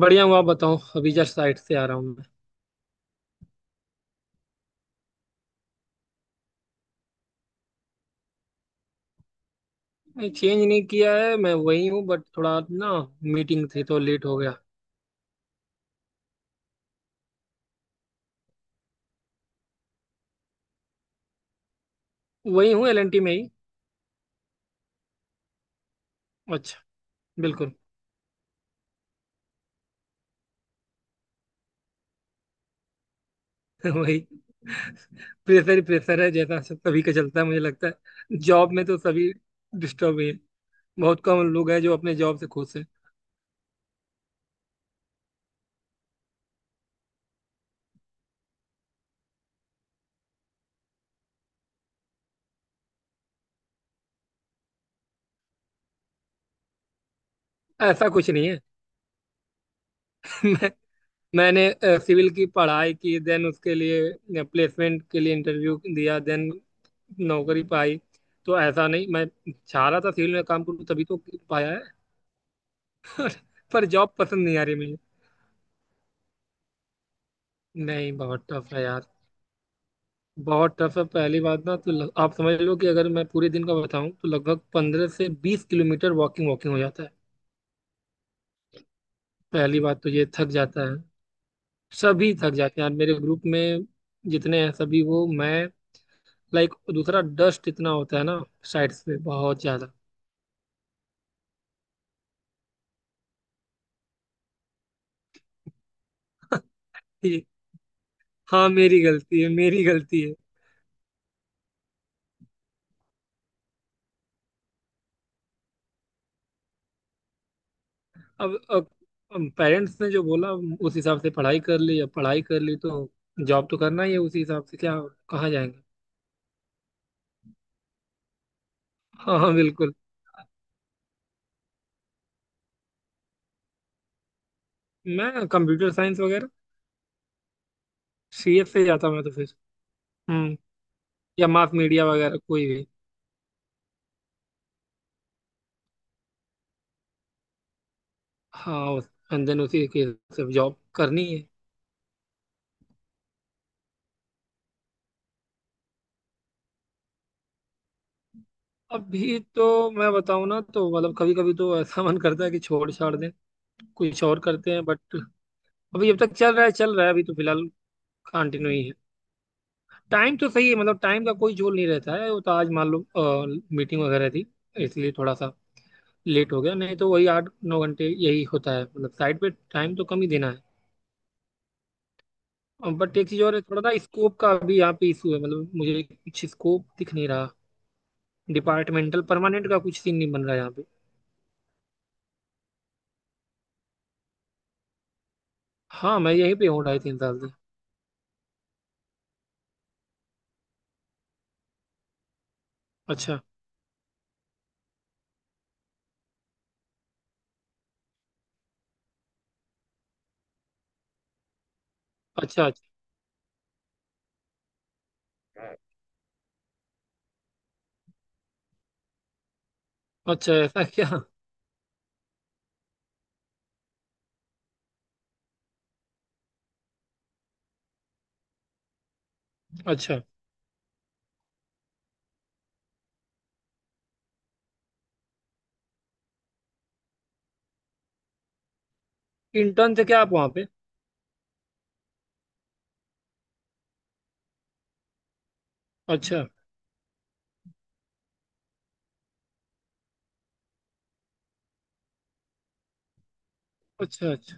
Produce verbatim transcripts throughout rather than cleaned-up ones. बढ़िया हूँ। आप बताओ, अभी जस्ट साइट से आ रहा हूँ मैं। नहीं, चेंज नहीं किया है, मैं वही हूँ, बट थोड़ा ना मीटिंग थी तो लेट हो गया। वही हूँ, एल एन टी में ही। अच्छा। बिल्कुल। वही, प्रेशर ही प्रेशर है, जैसा सब- सभी का चलता है। मुझे लगता है जॉब में तो सभी डिस्टर्ब ही है। बहुत कम लोग हैं जो अपने जॉब से खुश हैं। ऐसा कुछ नहीं है। मैं मैंने सिविल की पढ़ाई की, देन उसके लिए प्लेसमेंट के लिए इंटरव्यू दिया, देन नौकरी पाई। तो ऐसा नहीं मैं चाह रहा था सिविल में काम करूँ, तभी तो पाया है। पर जॉब पसंद नहीं आ रही मुझे। नहीं, बहुत टफ है यार। बहुत टफ है। पहली बात ना तो लग, आप समझ लो कि अगर मैं पूरे दिन का बताऊं तो लगभग पंद्रह से बीस किलोमीटर वॉकिंग वॉकिंग हो जाता है। पहली बात तो ये थक जाता है। सभी थक जाते हैं यार, मेरे ग्रुप में जितने हैं सभी। वो मैं, लाइक, दूसरा डस्ट इतना होता है ना साइड्स पे, बहुत ज्यादा। ये- हाँ, मेरी गलती है, मेरी गलती है। अब अब, अब पेरेंट्स ने जो बोला उस हिसाब से पढ़ाई कर ली। अब पढ़ाई कर ली तो जॉब तो करना ही है उसी हिसाब से। क्या कहाँ जाएंगे। हाँ हाँ, बिल्कुल। मैं कंप्यूटर साइंस वगैरह, सी एस से जाता मैं तो फिर। हम्म। या मास मीडिया वगैरह, कोई भी। हाँ, एंड देन उसी के सब जॉब करनी है। अभी तो मैं बताऊँ ना तो मतलब कभी कभी तो ऐसा मन करता है कि छोड़ छाड़ दें, कुछ और करते हैं, बट अभी जब तक चल रहा है चल रहा है। अभी तो फिलहाल कंटिन्यू ही है। टाइम तो सही है, मतलब टाइम का कोई झोल नहीं रहता है। वो तो आज मान लो मीटिंग वगैरह थी, इसलिए थोड़ा सा लेट हो गया, नहीं तो वही आठ नौ घंटे यही होता है। मतलब साइड पे टाइम तो कम ही देना है, बट एक चीज़ और है, थोड़ा ना स्कोप का भी यहाँ पे इशू है, मतलब मुझे कुछ स्कोप दिख नहीं रहा। डिपार्टमेंटल परमानेंट का कुछ सीन नहीं बन रहा यहाँ पे। हाँ, मैं यहीं पे हूँ ढाई तीन साल से। अच्छा अच्छा। अच्छा। अच्छा ऐसा क्या। अच्छा। इंटर्न थे क्या आप वहाँ पे। अच्छा अच्छा। अच्छा,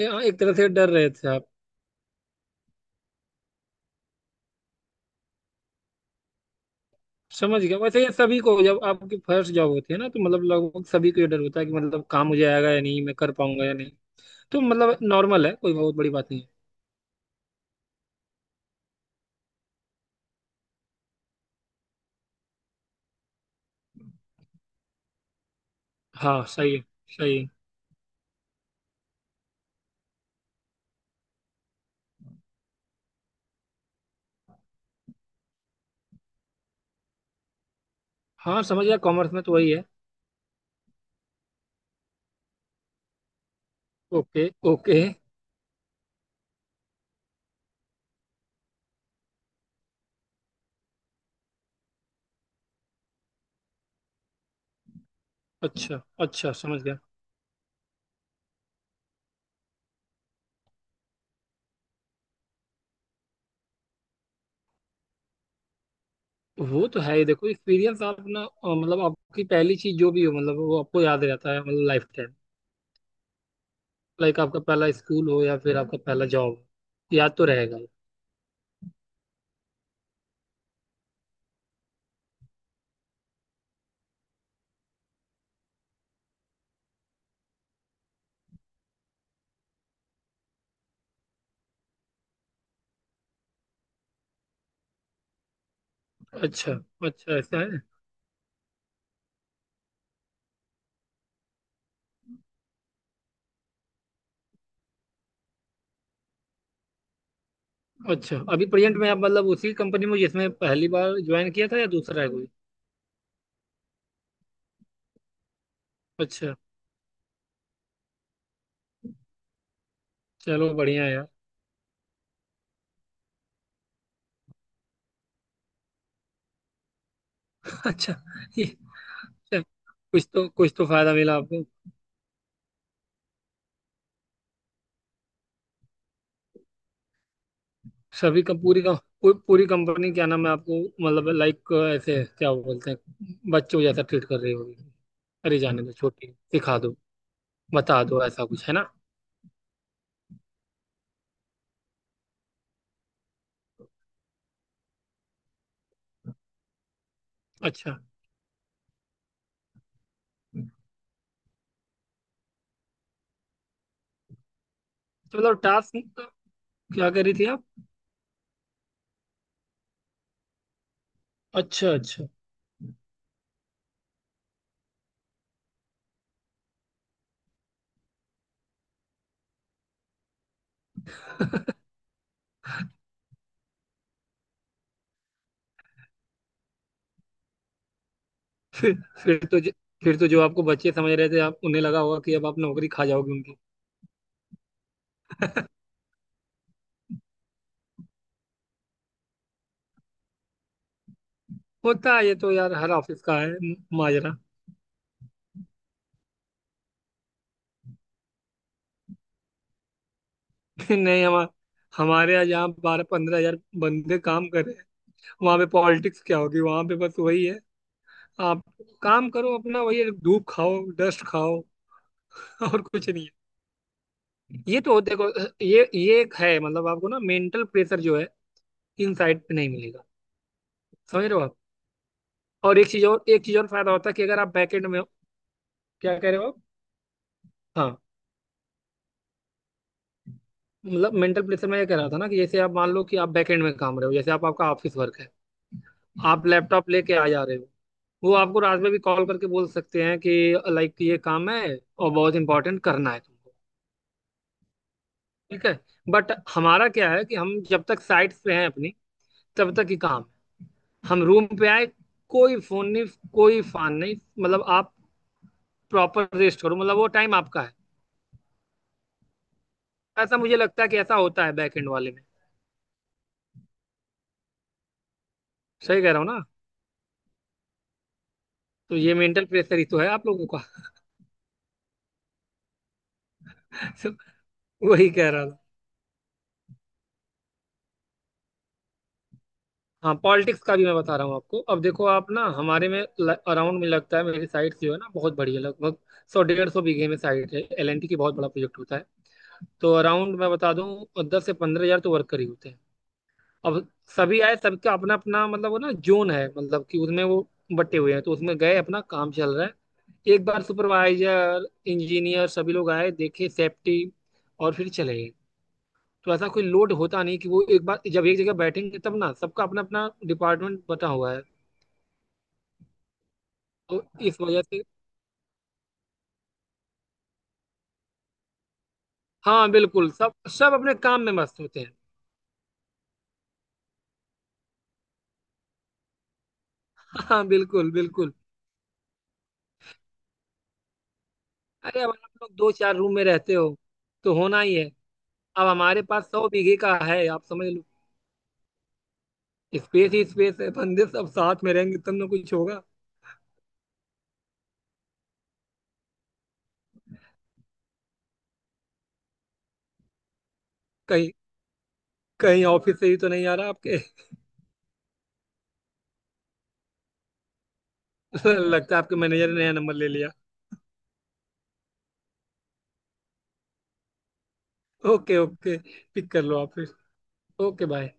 ए, हाँ, एक तरह से डर रहे थे आप। समझ गया। वैसे ये सभी को, जब आपकी फर्स्ट जॉब होती है ना, तो मतलब लगभग सभी को ये डर होता है कि मतलब काम मुझे आएगा या नहीं, मैं कर पाऊंगा या नहीं। तो मतलब नॉर्मल है, कोई बहुत बड़ी बात नहीं है। हाँ सही है, सही है। हाँ समझ गया, कॉमर्स में तो वही है। Okay okay. अच्छा अच्छा, समझ गया। वो तो है ही। देखो, एक्सपीरियंस आप ना, अ, मतलब आपकी पहली चीज जो भी हो मतलब वो आपको याद रहता है, मतलब लाइफ टाइम। लाइक आपका पहला स्कूल हो या फिर आपका पहला जॉब, याद तो रहेगा। अच्छा अच्छा, ऐसा है। अच्छा, अभी प्रेजेंट में आप मतलब उसी कंपनी में जिसमें पहली बार ज्वाइन किया था, या दूसरा है कोई। अच्छा। चलो बढ़िया है यार। अच्छा ये। अच्छा, कुछ तो, कुछ तो फायदा मिला आपको। सभी का, पूरी का, पू- पूरी कंपनी क्या नाम है आपको, मतलब लाइक, ऐसे क्या बोलते हैं, बच्चों जैसा ट्रीट कर रही होगी। अरे जाने दो, छोटी सिखा दो, बता दो, ऐसा कुछ है ना। अच्छा। तो मतलब टास्क, क्या कह रही थी आप। अच्छा अच्छा। फिर, फिर तो ज- फिर तो जो आपको बच्चे समझ रहे थे, आप उन्हें लगा होगा कि अब आप नौकरी खा जाओगे उनकी। होता है ये तो यार, हर ऑफिस का है म- माजरा। नहीं, हम हमारे यहाँ जहाँ बारह पंद्रह हजार बंदे काम कर रहे हैं, वहां पे पॉलिटिक्स क्या होगी। वहां पे बस वही है, आप काम करो अपना, वही है, धूप खाओ, डस्ट खाओ, और कुछ नहीं है ये तो। देखो, ये ये एक है, मतलब आपको ना मेंटल प्रेशर जो है इन साइड पे नहीं मिलेगा, समझ रहे हो आप। और एक चीज और एक चीज और फायदा होता है कि अगर आप बैकेंड में हो। क्या कह रहे हो आप। मतलब मेंटल प्रेशर, मैं ये कह रहा था ना कि जैसे आप मान लो कि आप बैकएंड में काम रहे हो, जैसे आप, आपका ऑफिस वर्क है, आप लैपटॉप लेके आ जा रहे हो, वो आपको रात में भी कॉल करके बोल सकते हैं कि लाइक ये काम है और बहुत इंपॉर्टेंट, करना है तुमको, ठीक है। बट हमारा क्या है कि हम जब तक साइट्स पे हैं अपनी, तब तक ही काम है। हम रूम पे आए, कोई फोन नहीं, कोई फान नहीं, मतलब आप प्रॉपर रेस्ट करो, मतलब वो टाइम आपका है। ऐसा मुझे लगता है कि ऐसा होता है बैकएंड वाले में। सही कह रहा हूँ ना। तो ये मेंटल प्रेशर ही तो है आप लोगों का। तो वही कह रहा था। हाँ, पॉलिटिक्स का भी मैं बता रहा हूँ आपको। अब देखो, आप ना, हमारे में अराउंड में लगता है, मेरी साइट जो है ना बहुत बड़ी है। लगभग सौ डेढ़ सौ बीघे में साइट है, एल एन टी की बहुत बड़ा प्रोजेक्ट होता है। तो अराउंड मैं बता दूँ दस से पंद्रह हजार तो वर्कर ही होते हैं। अब सभी आए, सबका अपना अपना, मतलब वो ना, जोन है, मतलब कि उसमें वो बटे हुए हैं। तो उसमें गए, अपना काम चल रहा है, एक बार सुपरवाइजर, इंजीनियर, सभी लोग आए, देखे सेफ्टी, और फिर चले गए। तो ऐसा कोई लोड होता नहीं कि वो एक बार जब एक जगह बैठेंगे, तब ना सबका अपना अपना डिपार्टमेंट बटा हुआ है, तो इस वजह से। हाँ बिल्कुल, सब, सब अपने काम में मस्त होते हैं। हाँ बिल्कुल बिल्कुल। अरे अब आप लोग दो चार रूम में रहते हो तो होना ही है। अब हमारे पास सौ बीघे का है, आप समझ लो, स्पेस ही स्पेस है। बंदे सब साथ में रहेंगे तब ना कुछ होगा। कहीं कहीं ऑफिस से ही तो नहीं आ रहा आपके। लगता है आपके मैनेजर ने नया नंबर ले लिया। Okay okay. पिक कर लो आप फिर। Okay bye.